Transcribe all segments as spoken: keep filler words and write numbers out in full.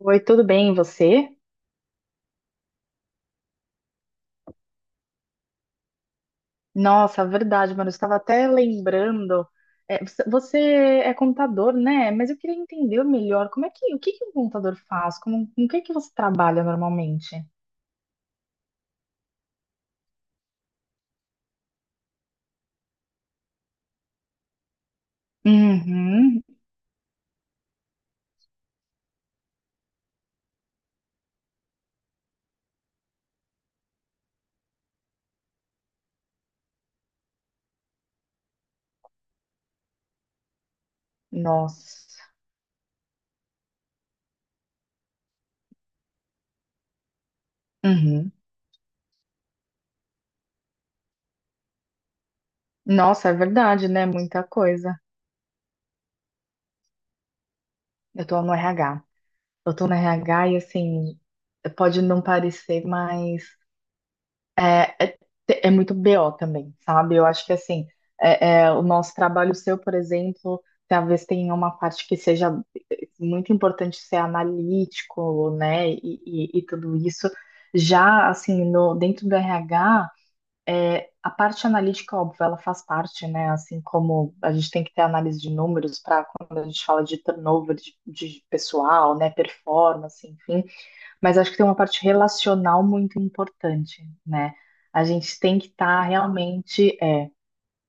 Oi, tudo bem, e você? Nossa, verdade, mano, eu estava até lembrando. É, você você é contador, né? Mas eu queria entender melhor como é que, o que que um contador faz? Como, com o que que você trabalha normalmente? Uhum. Nossa. Uhum. Nossa, é verdade, né? Muita coisa. Eu tô no R H. Eu tô no R H e assim, pode não parecer, mas é, é muito B O também, sabe? Eu acho que assim, é, é, o nosso trabalho seu, por exemplo, talvez tenha uma parte que seja eh, muito importante ser analítico, né? E, e- e tudo isso. Já assim, no, dentro do R H, é, a parte analítica, óbvio, ela faz parte, né? Assim como a gente tem que ter análise de números para quando a gente fala de turnover de, de pessoal, né? Performance, enfim. Mas acho que tem uma parte relacional muito importante, né? A gente tem que estar realmente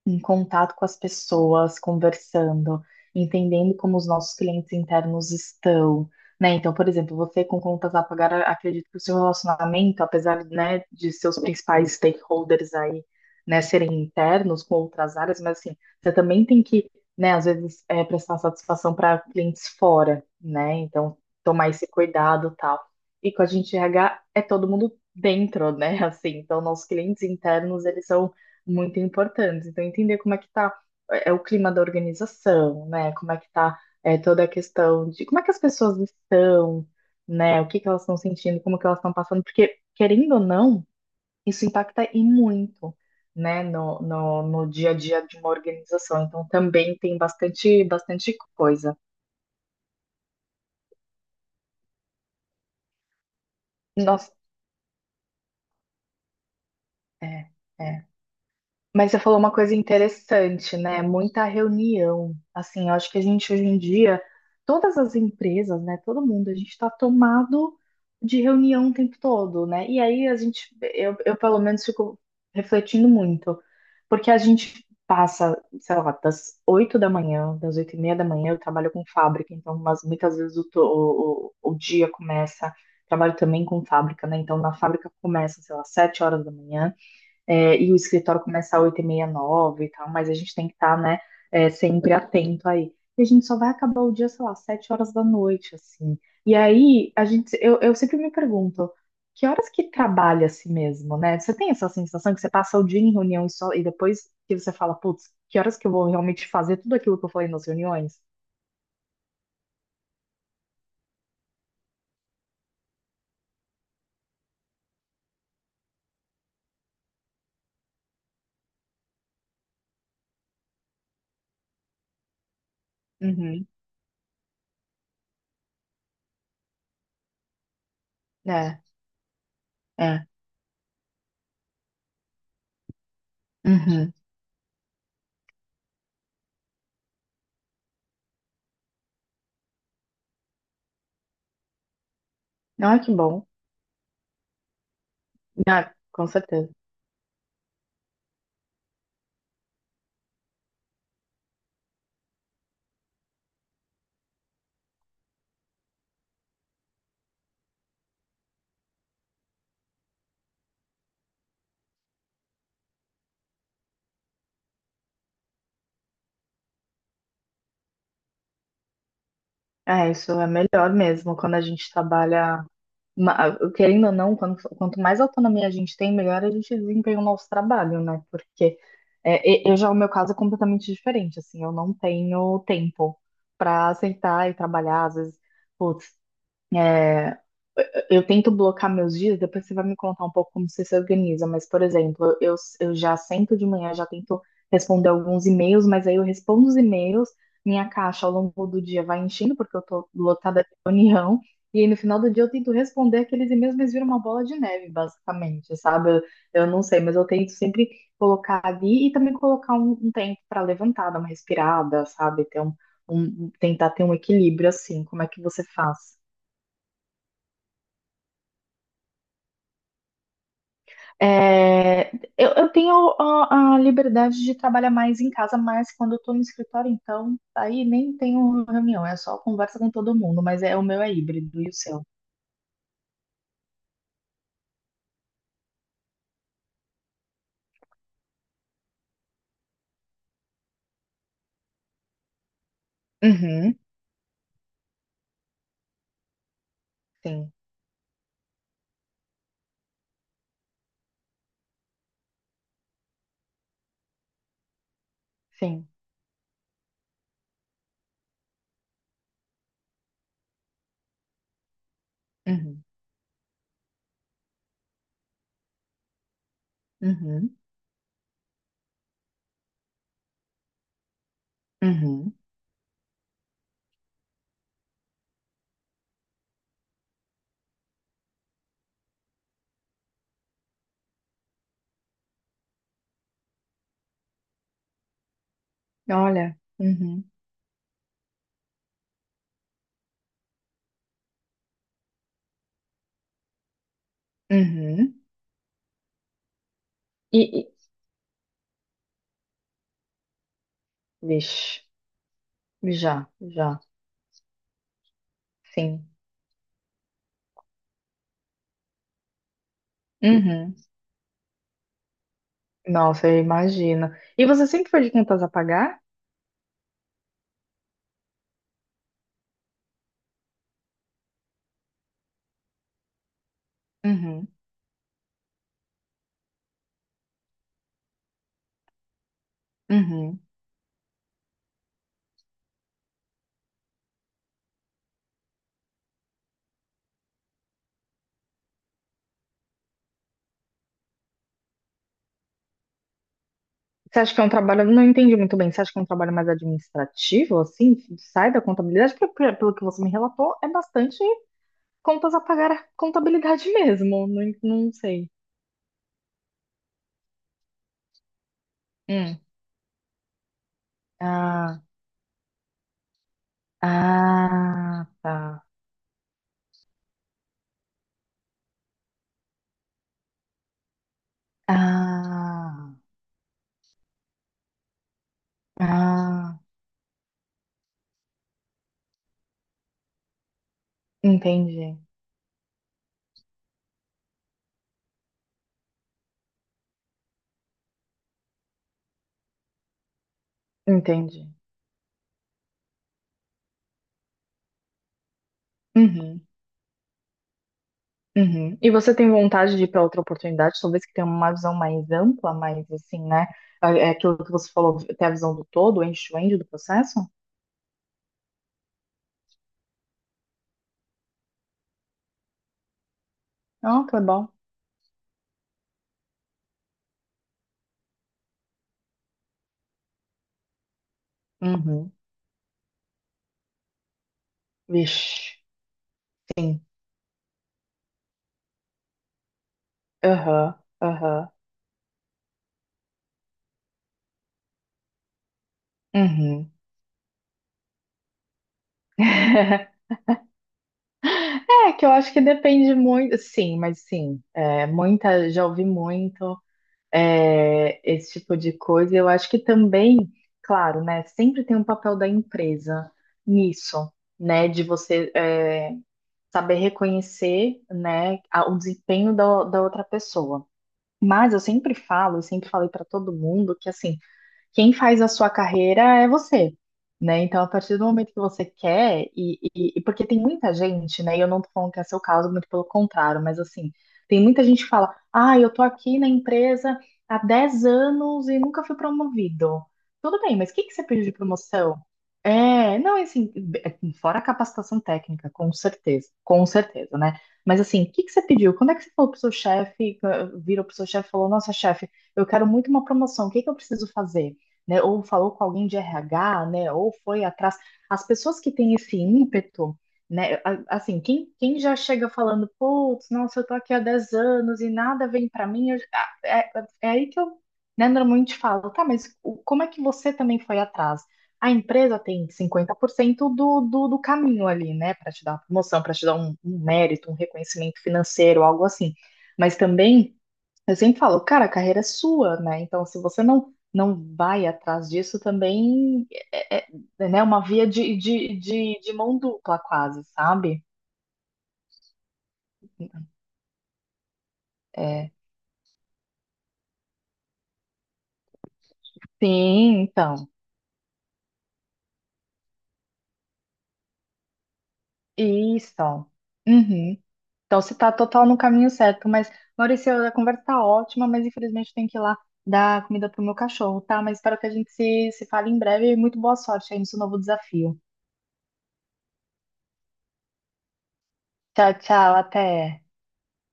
em contato com as pessoas, conversando, entendendo como os nossos clientes internos estão, né? Então, por exemplo, você com contas a pagar, acredito que o seu relacionamento, apesar, né, de seus principais stakeholders aí, né, serem internos com outras áreas, mas assim, você também tem que, né, às vezes é, prestar satisfação para clientes fora, né? Então, tomar esse cuidado, e tal. E com a gente R H é todo mundo dentro, né? Assim, então nossos clientes internos, eles são muito importantes. Então, entender como é que tá é, é o clima da organização, né? Como é que tá é, toda a questão de como é que as pessoas estão, né? O que que elas estão sentindo, como que elas estão passando, porque, querendo ou não, isso impacta e muito, né? No, no, no dia a dia de uma organização. Então, também tem bastante, bastante coisa. Nossa, é, é. Mas você falou uma coisa interessante, né? Muita reunião. Assim, eu acho que a gente hoje em dia, todas as empresas, né? Todo mundo, a gente está tomado de reunião o tempo todo, né? E aí a gente, eu, eu pelo menos fico refletindo muito, porque a gente passa, sei lá, das oito da manhã, das oito e meia da manhã, eu trabalho com fábrica, então mas muitas vezes o, to- o, o o dia começa, trabalho também com fábrica, né? Então na fábrica começa, sei lá, sete horas da manhã é, e o escritório começa às oito e meia nove, e tal, mas a gente tem que estar, né, é, sempre atento aí. E a gente só vai acabar o dia, sei lá, sete horas da noite, assim. E aí, a gente, eu, eu sempre me pergunto, que horas que trabalha assim mesmo, né? Você tem essa sensação que você passa o dia em reunião e, só, e depois que você fala, putz, que horas que eu vou realmente fazer tudo aquilo que eu falei nas reuniões? Uhum, é, é, uhum. Não, é que bom. Ah, com certeza. É, isso é melhor mesmo quando a gente trabalha ma- Querendo ou não, quando- quanto mais autonomia a gente tem, melhor a gente desempenha o nosso trabalho, né? Porque é, e- eu já, o meu caso é completamente diferente, assim, eu não tenho tempo para aceitar e trabalhar, às vezes, putz, é, eu tento blocar meus dias, depois você vai me contar um pouco como você se organiza, mas, por exemplo, eu, eu já sento de manhã, já tento responder alguns e-mails, mas aí eu respondo os e-mails, minha caixa ao longo do dia vai enchendo, porque eu tô lotada de reunião, e aí no final do dia eu tento responder aqueles e-mails, mas vira uma bola de neve, basicamente, sabe? Eu, eu não sei, mas eu tento sempre colocar ali e também colocar um, um tempo para levantar, dar uma respirada, sabe? Ter um, um, tentar ter um equilíbrio assim, como é que você faz? É, eu, eu tenho a, a liberdade de trabalhar mais em casa, mas quando eu tô no escritório, então, aí nem tenho reunião, é só conversa com todo mundo, mas é o meu é híbrido e o seu. Uhum, sim, sim. Uhum, uhum, uhum. Olha, uhum, uhum. E, e vixe, já, já, sim. Uhum. Nossa, eu imagino. E você sempre foi de contas a pagar? Uhum, uhum. Você acha que é um trabalho, não entendi muito bem, você acha que é um trabalho mais administrativo, assim, que sai da contabilidade? Porque, pe- pelo que você me relatou, é bastante contas a pagar a contabilidade mesmo, não, en- não sei. Hum. Ah, ah, tá. Ah, ah, entendi, entendi. Uhum, uhum. E você tem vontade de ir para outra oportunidade, talvez que tenha uma visão mais ampla, mais assim, né? É é aquilo que você falou, ter a visão do todo, end-to-end do processo? Ah, que legal. Uhum. Vixe. Sim. Aham, aham, uhum. É que eu acho que depende muito, sim, mas sim, é, muita, já ouvi muito é, esse tipo de coisa. Eu acho que também, claro, né, sempre tem um papel da empresa nisso, né, de você é, saber reconhecer, né, a- o desempenho da, da outra pessoa. Mas eu sempre falo, eu sempre falei para todo mundo que assim quem faz a sua carreira é você, né? Então, a partir do momento que você quer, e, e- e porque tem muita gente, né? E eu não tô falando que é seu caso, muito pelo contrário, mas assim, tem muita gente que fala: ah, eu tô aqui na empresa há dez anos e nunca fui promovido. Tudo bem, mas o que que você pediu de promoção? É, não, assim, fora a capacitação técnica, com certeza, com certeza, né? Mas assim, o que que você pediu? Quando é que você falou pro seu chefe, virou pro seu chefe e falou, nossa, chefe, eu quero muito uma promoção, o que que eu preciso fazer? Né? Ou falou com alguém de R H, né? Ou foi atrás. As pessoas que têm esse ímpeto, né? A- Assim, quem, quem já chega falando, putz, nossa, eu tô aqui há dez anos e nada vem pra mim, eu- ah, é, é aí que eu, né, normalmente falo, tá, mas o- como é que você também foi atrás? A empresa tem cinquenta por cento do, do, do caminho ali, né? Para te dar uma promoção, para te dar um, um mérito, um reconhecimento financeiro, algo assim. Mas também eu sempre falo, cara, a carreira é sua, né? Então, se você não não vai atrás disso, também é, é- é, né, uma via de, de, de, de mão dupla, quase, sabe? É. Sim, então. Isso. Uhum. Então, você está total no caminho certo. Mas, Maurício, a conversa tá ótima, mas infelizmente eu tenho que ir lá dar comida pro meu cachorro, tá? Mas espero que a gente se, se fale em breve e muito boa sorte aí no seu novo desafio. Tchau, tchau, até.